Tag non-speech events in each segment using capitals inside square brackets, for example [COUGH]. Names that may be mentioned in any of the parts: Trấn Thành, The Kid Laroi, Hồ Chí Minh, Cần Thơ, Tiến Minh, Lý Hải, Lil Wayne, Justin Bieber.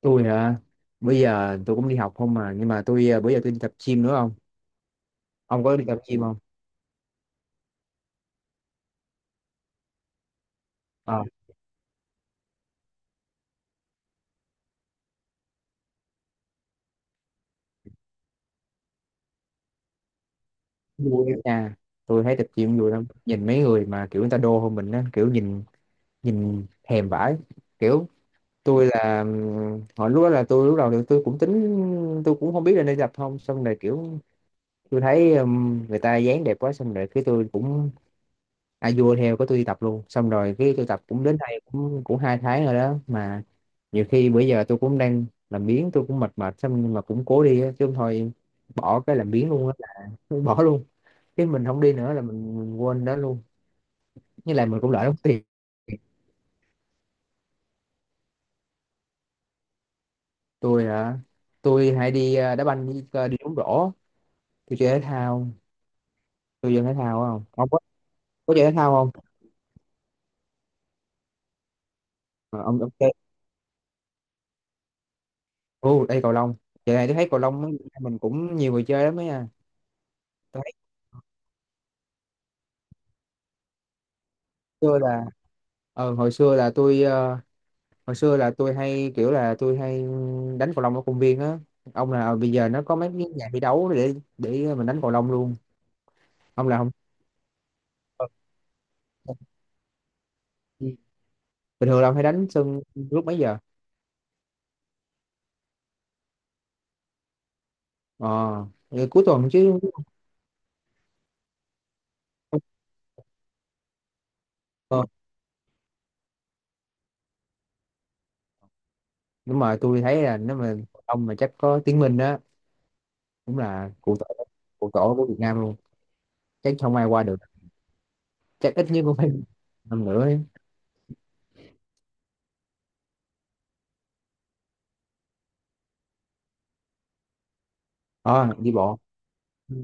Tôi hả? Bây giờ tôi cũng đi học không mà nhưng mà tôi, bữa giờ tôi đi tập gym nữa không. Ông có đi tập gym không? Ờ, Vui lắm nha. Tôi thấy tập gym vui lắm, nhìn mấy người mà kiểu người ta đô hơn mình á, kiểu nhìn nhìn thèm vãi kiểu. Tôi là hồi lúc đó là tôi, lúc đầu thì tôi cũng tính, tôi cũng không biết là nên tập không, xong rồi kiểu tôi thấy người ta dáng đẹp quá, xong rồi cái tôi cũng à vua theo có tôi đi tập luôn, xong rồi cái tôi tập cũng đến đây cũng cũng hai tháng rồi đó mà. Nhiều khi bữa giờ tôi cũng đang làm biếng, tôi cũng mệt mệt xong nhưng mà cũng cố đi á, chứ không thôi bỏ cái làm biếng luôn á. [LAUGHS] Bỏ luôn, cái mình không đi nữa là mình quên đó luôn. Với lại mình cũng lỡ đóng tiền. Tôi hả? Tôi hay đi đá banh, đi, đi bóng rổ. Tôi chơi thể thao. Tôi chơi thể thao không, ông có chơi thể thao không? Ông chơi. Ô đây cầu lông. Giờ này tôi thấy cầu lông á, mình cũng nhiều người chơi lắm ấy nha. Tôi thấy xưa là, hồi xưa là tôi, hồi xưa là tôi hay kiểu là tôi hay đánh cầu lông ở công viên á. Ông là bây giờ nó có mấy cái nhà thi đấu để mình đánh cầu lông luôn. Ông là không, bình thường là ông hay đánh sân lúc mấy giờ? Ờ thì cuối tuần chứ. ờ, nhưng mà tôi thấy là nếu mà cầu lông mà chắc có Tiến Minh á, cũng là cụ tổ, cụ tổ của Việt Nam luôn. Chắc không ai qua được. Chắc ít nhất cũng phải năm nữa ấy. Ờ Đi bộ. Ừ.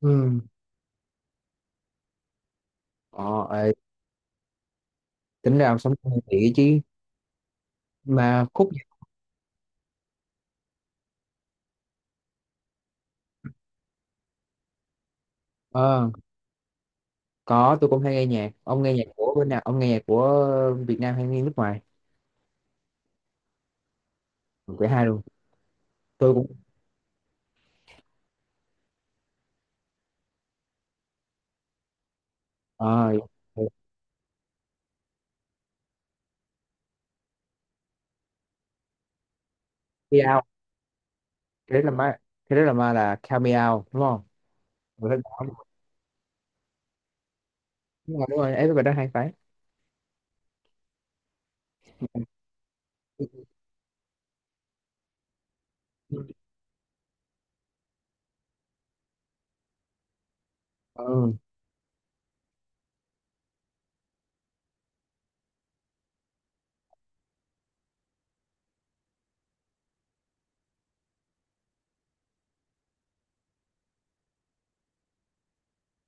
Ừ. ờ Ê, tính ra ông sống thì chứ mà khúc... ờ Có, tôi cũng hay nghe nhạc. Ông nghe nhạc của bên nào? Ông nghe nhạc của Việt Nam hay nghe nước ngoài? Của hai luôn. Tôi cũng... ờ Meow, cái đó là ma, cái đó là ma là Count đúng không? Người đó đúng rồi, ấy bài đó hay phải. Ừ,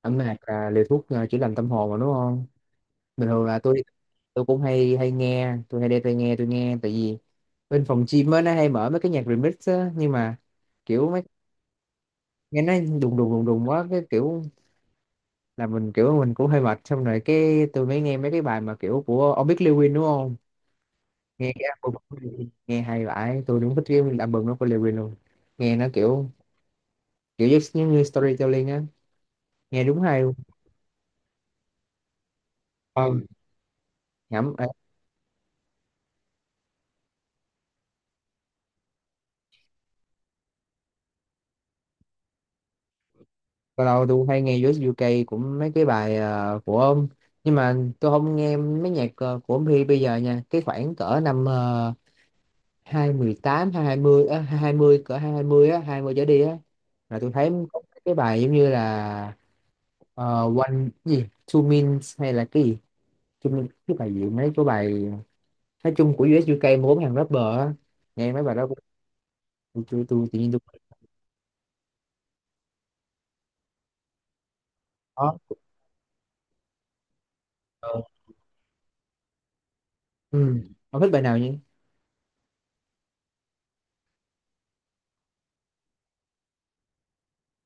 âm nhạc là liều thuốc chữa lành tâm hồn mà đúng không? Bình thường là tôi cũng hay hay nghe, tôi hay đem tai nghe tôi nghe, tại vì bên phòng gym á nó hay mở mấy cái nhạc remix á, nhưng mà kiểu mấy, nghe nó đùng đùng đùng đùng quá, cái kiểu là mình kiểu mình cũng hơi mệt, xong rồi cái tôi mới nghe mấy cái bài mà kiểu của, ông biết Lil Wayne đúng không? Nghe cái album của Lil Wayne, nghe hay vãi tôi, đúng thích cái album nó của Lil Wayne luôn. Nghe nó kiểu kiểu giống như storytelling á, nghe đúng hay luôn. ờ nhẩm ờ, Lâu lâu tôi hay nghe US UK cũng mấy cái bài của ông, nhưng mà tôi không nghe mấy nhạc của ông Huy bây giờ nha, cái khoảng cỡ năm 2018 20 á, hai hai mươi, cỡ hai hai mươi, á 20 trở đi á là tôi thấy có cái bài giống như là Ờ, one gì two means hay là cái gì two means, cái bài gì mấy cái bài nói chung của US UK mà bốn hàng rapper á, nghe mấy bài đó tôi, tôi tự nhiên tôi có ờ. Ừ. Ông thích bài nào nhỉ?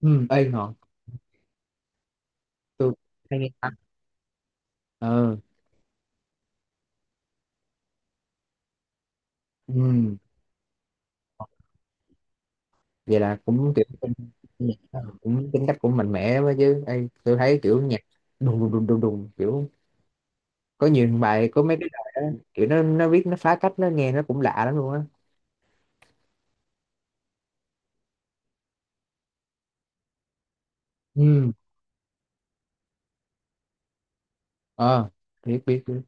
Ừ. Ê ngọt, tôi hay nghe ta. ờ ừ. Vậy là cũng kiểu, cũng tính cách cũng mạnh mẽ lắm đó chứ, ê tôi thấy kiểu nhạc đùng đùng đùng đùng đùng, kiểu có nhiều bài, có mấy cái bài đó, kiểu nó viết nó phá cách, nó nghe nó cũng lạ lắm luôn á. Ừ. ờ Biết biết biết.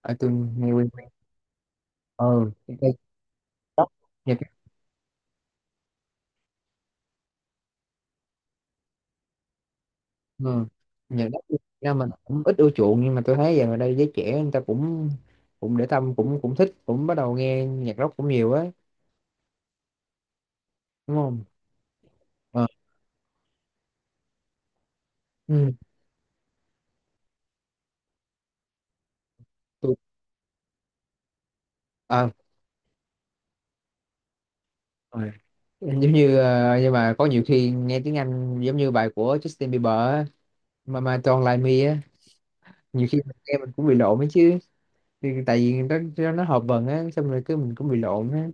Ở tôi nghe. Ừ cái cây, đất nhà cái. Ừ. Nhà đất Việt Nam mình cũng ít ưa chuộng, nhưng mà tôi thấy giờ ở đây giới trẻ người ta cũng cũng để tâm, cũng cũng thích, cũng bắt đầu nghe nhạc rock cũng nhiều ấy, đúng không? ờ ừ. Tôi à, ờ rồi. Giống như nhưng mà có nhiều khi nghe tiếng Anh giống như bài của Justin Bieber á, mà Don't Like Me á, nhiều khi mình nghe mình cũng bị lộn ấy chứ, thì tại vì nó nó hợp vần á, xong rồi cứ mình cũng bị lộn á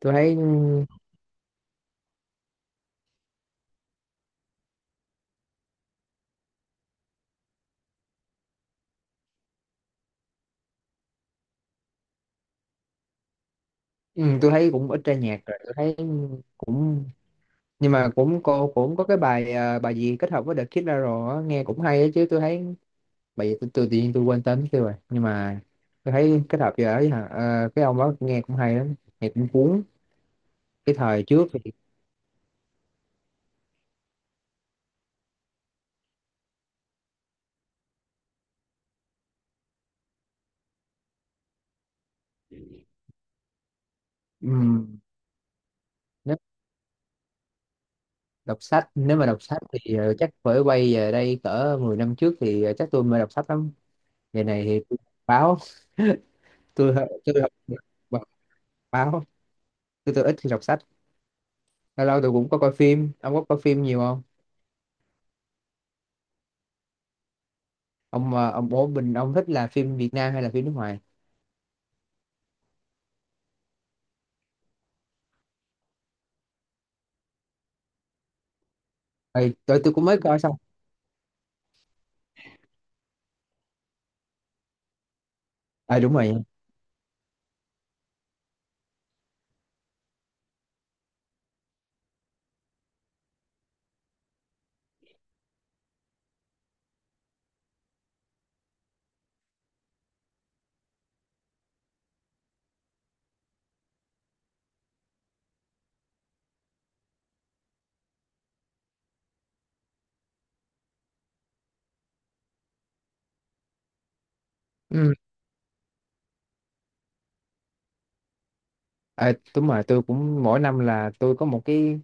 tôi thấy. Ừ, tôi thấy cũng ít ra nhạc rồi, tôi thấy cũng, nhưng mà cũng cô cũng có cái bài bài gì kết hợp với The Kid Laroi á, nghe cũng hay á chứ tôi thấy. Bài gì tôi tự nhiên tôi quên tên tiêu rồi, nhưng mà tôi thấy kết hợp giờ ấy hả, cái ông đó nghe cũng hay lắm, nghe cũng cuốn. Cái thời trước thì... ừm, Nếu đọc sách, nếu mà đọc sách thì chắc phải quay về đây cỡ 10 năm trước thì chắc tôi mới đọc sách lắm. Giờ này thì tôi đọc báo. Tôi tôi đọc báo, tôi ít khi đọc sách. Lâu lâu tôi cũng có coi phim, ông có coi phim nhiều không? Ông ông bố mình ông thích là phim Việt Nam hay là phim nước ngoài? Ê, tôi cũng mới coi xong. À đúng rồi. Ừ. À, đúng rồi, tôi cũng mỗi năm là tôi có một cái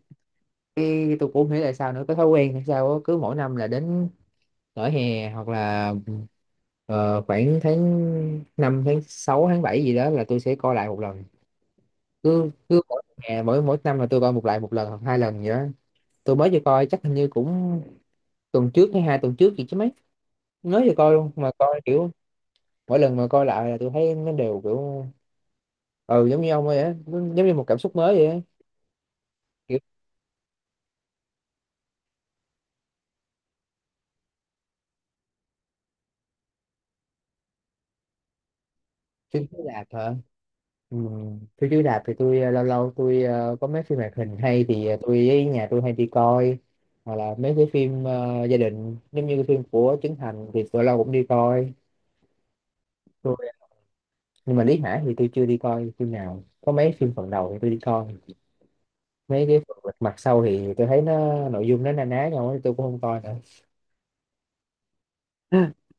cái tôi cũng không hiểu tại sao nữa, cái thói quen hay sao á, cứ mỗi năm là đến nửa hè hoặc là khoảng tháng 5 tháng 6 tháng 7 gì đó là tôi sẽ coi lại một lần. Cứ cứ mỗi hè mỗi mỗi năm là tôi coi một lại một lần hoặc hai lần gì đó. Tôi mới vừa coi chắc hình như cũng tuần trước hay hai tuần trước gì chứ mấy, mới vừa coi luôn mà coi kiểu mỗi lần mà coi lại là tôi thấy nó đều kiểu ừ giống như ông ấy á, giống như một cảm xúc mới kiểu. Phim chiếu rạp hả? Ừ. Phim chiếu rạp thì tôi lâu lâu tôi có mấy phim hoạt hình hay thì tôi với nhà tôi hay đi coi, hoặc là mấy cái phim gia đình, giống như cái phim của Trấn Thành thì tôi lâu cũng đi coi. Tôi, nhưng mà Lý Hải thì tôi chưa đi coi phim nào, có mấy phim phần đầu thì tôi đi coi. Mấy cái phần mặt sau thì tôi thấy nó nội dung nó na ná nhau ấy, tôi cũng không coi nữa. [LAUGHS]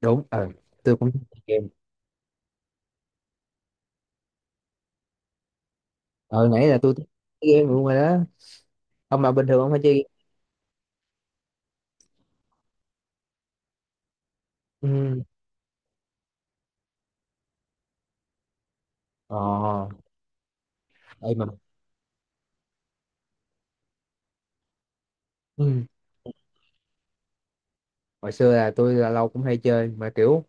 Đúng, tôi cũng thích chơi game. Ờ Nãy là tôi thích chơi game luôn rồi đó. Ông mà bình thường ông hay chơi game. Ừ. ờ Đây mà. Ừ. Hồi xưa là tôi là lâu cũng hay chơi mà kiểu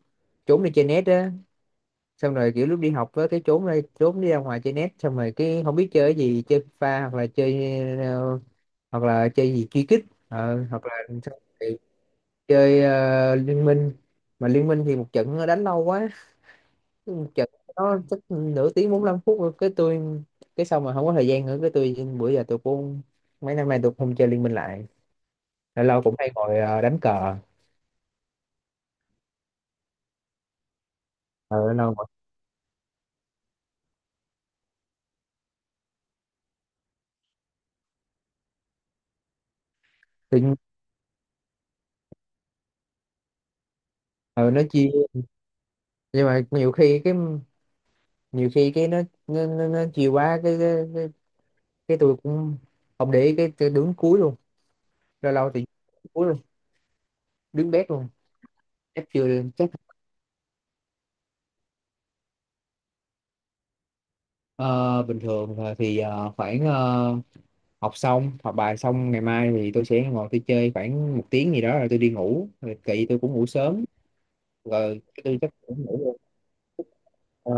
trốn đi chơi net á, xong rồi kiểu lúc đi học á cái trốn đi ra ngoài chơi net, xong rồi cái không biết chơi cái gì, chơi pha, hoặc là chơi hoặc là chơi gì truy kích, hoặc là... xong rồi chơi liên minh. Mà liên minh thì một trận nó đánh lâu quá, một trận nó chắc nửa tiếng bốn lăm phút rồi. Cái tôi, cái xong mà không có thời gian nữa, cái tôi bữa giờ tôi cũng mấy năm nay tôi cũng không chơi liên minh lại. Lâu lâu cũng hay ngồi đánh cờ. Ờ Lâu lâu ngồi tự nhiên- ờ, nó chia, nhưng mà nhiều khi cái, nhiều khi cái nó nó chiều quá, cái cái tôi cũng không để ý, cái đứng cuối luôn. Lâu lâu thì đứng cuối luôn, đứng bét luôn. Chắc chưa chắc. Ờ, bình thường là thì khoảng học xong, học bài xong ngày mai thì tôi sẽ ngồi tôi chơi khoảng một tiếng gì đó rồi tôi đi ngủ, rồi kỵ tôi cũng ngủ sớm, rồi tôi chắc cũng ngủ luôn. Ờ,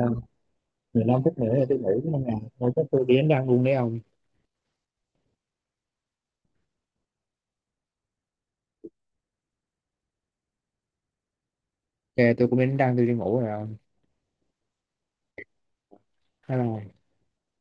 15 phút nữa là tôi ngủ nên là thôi chắc tôi đi đánh răng luôn đấy ông. Ok tôi cũng đi đánh răng tôi đi ngủ rồi ông. Bye.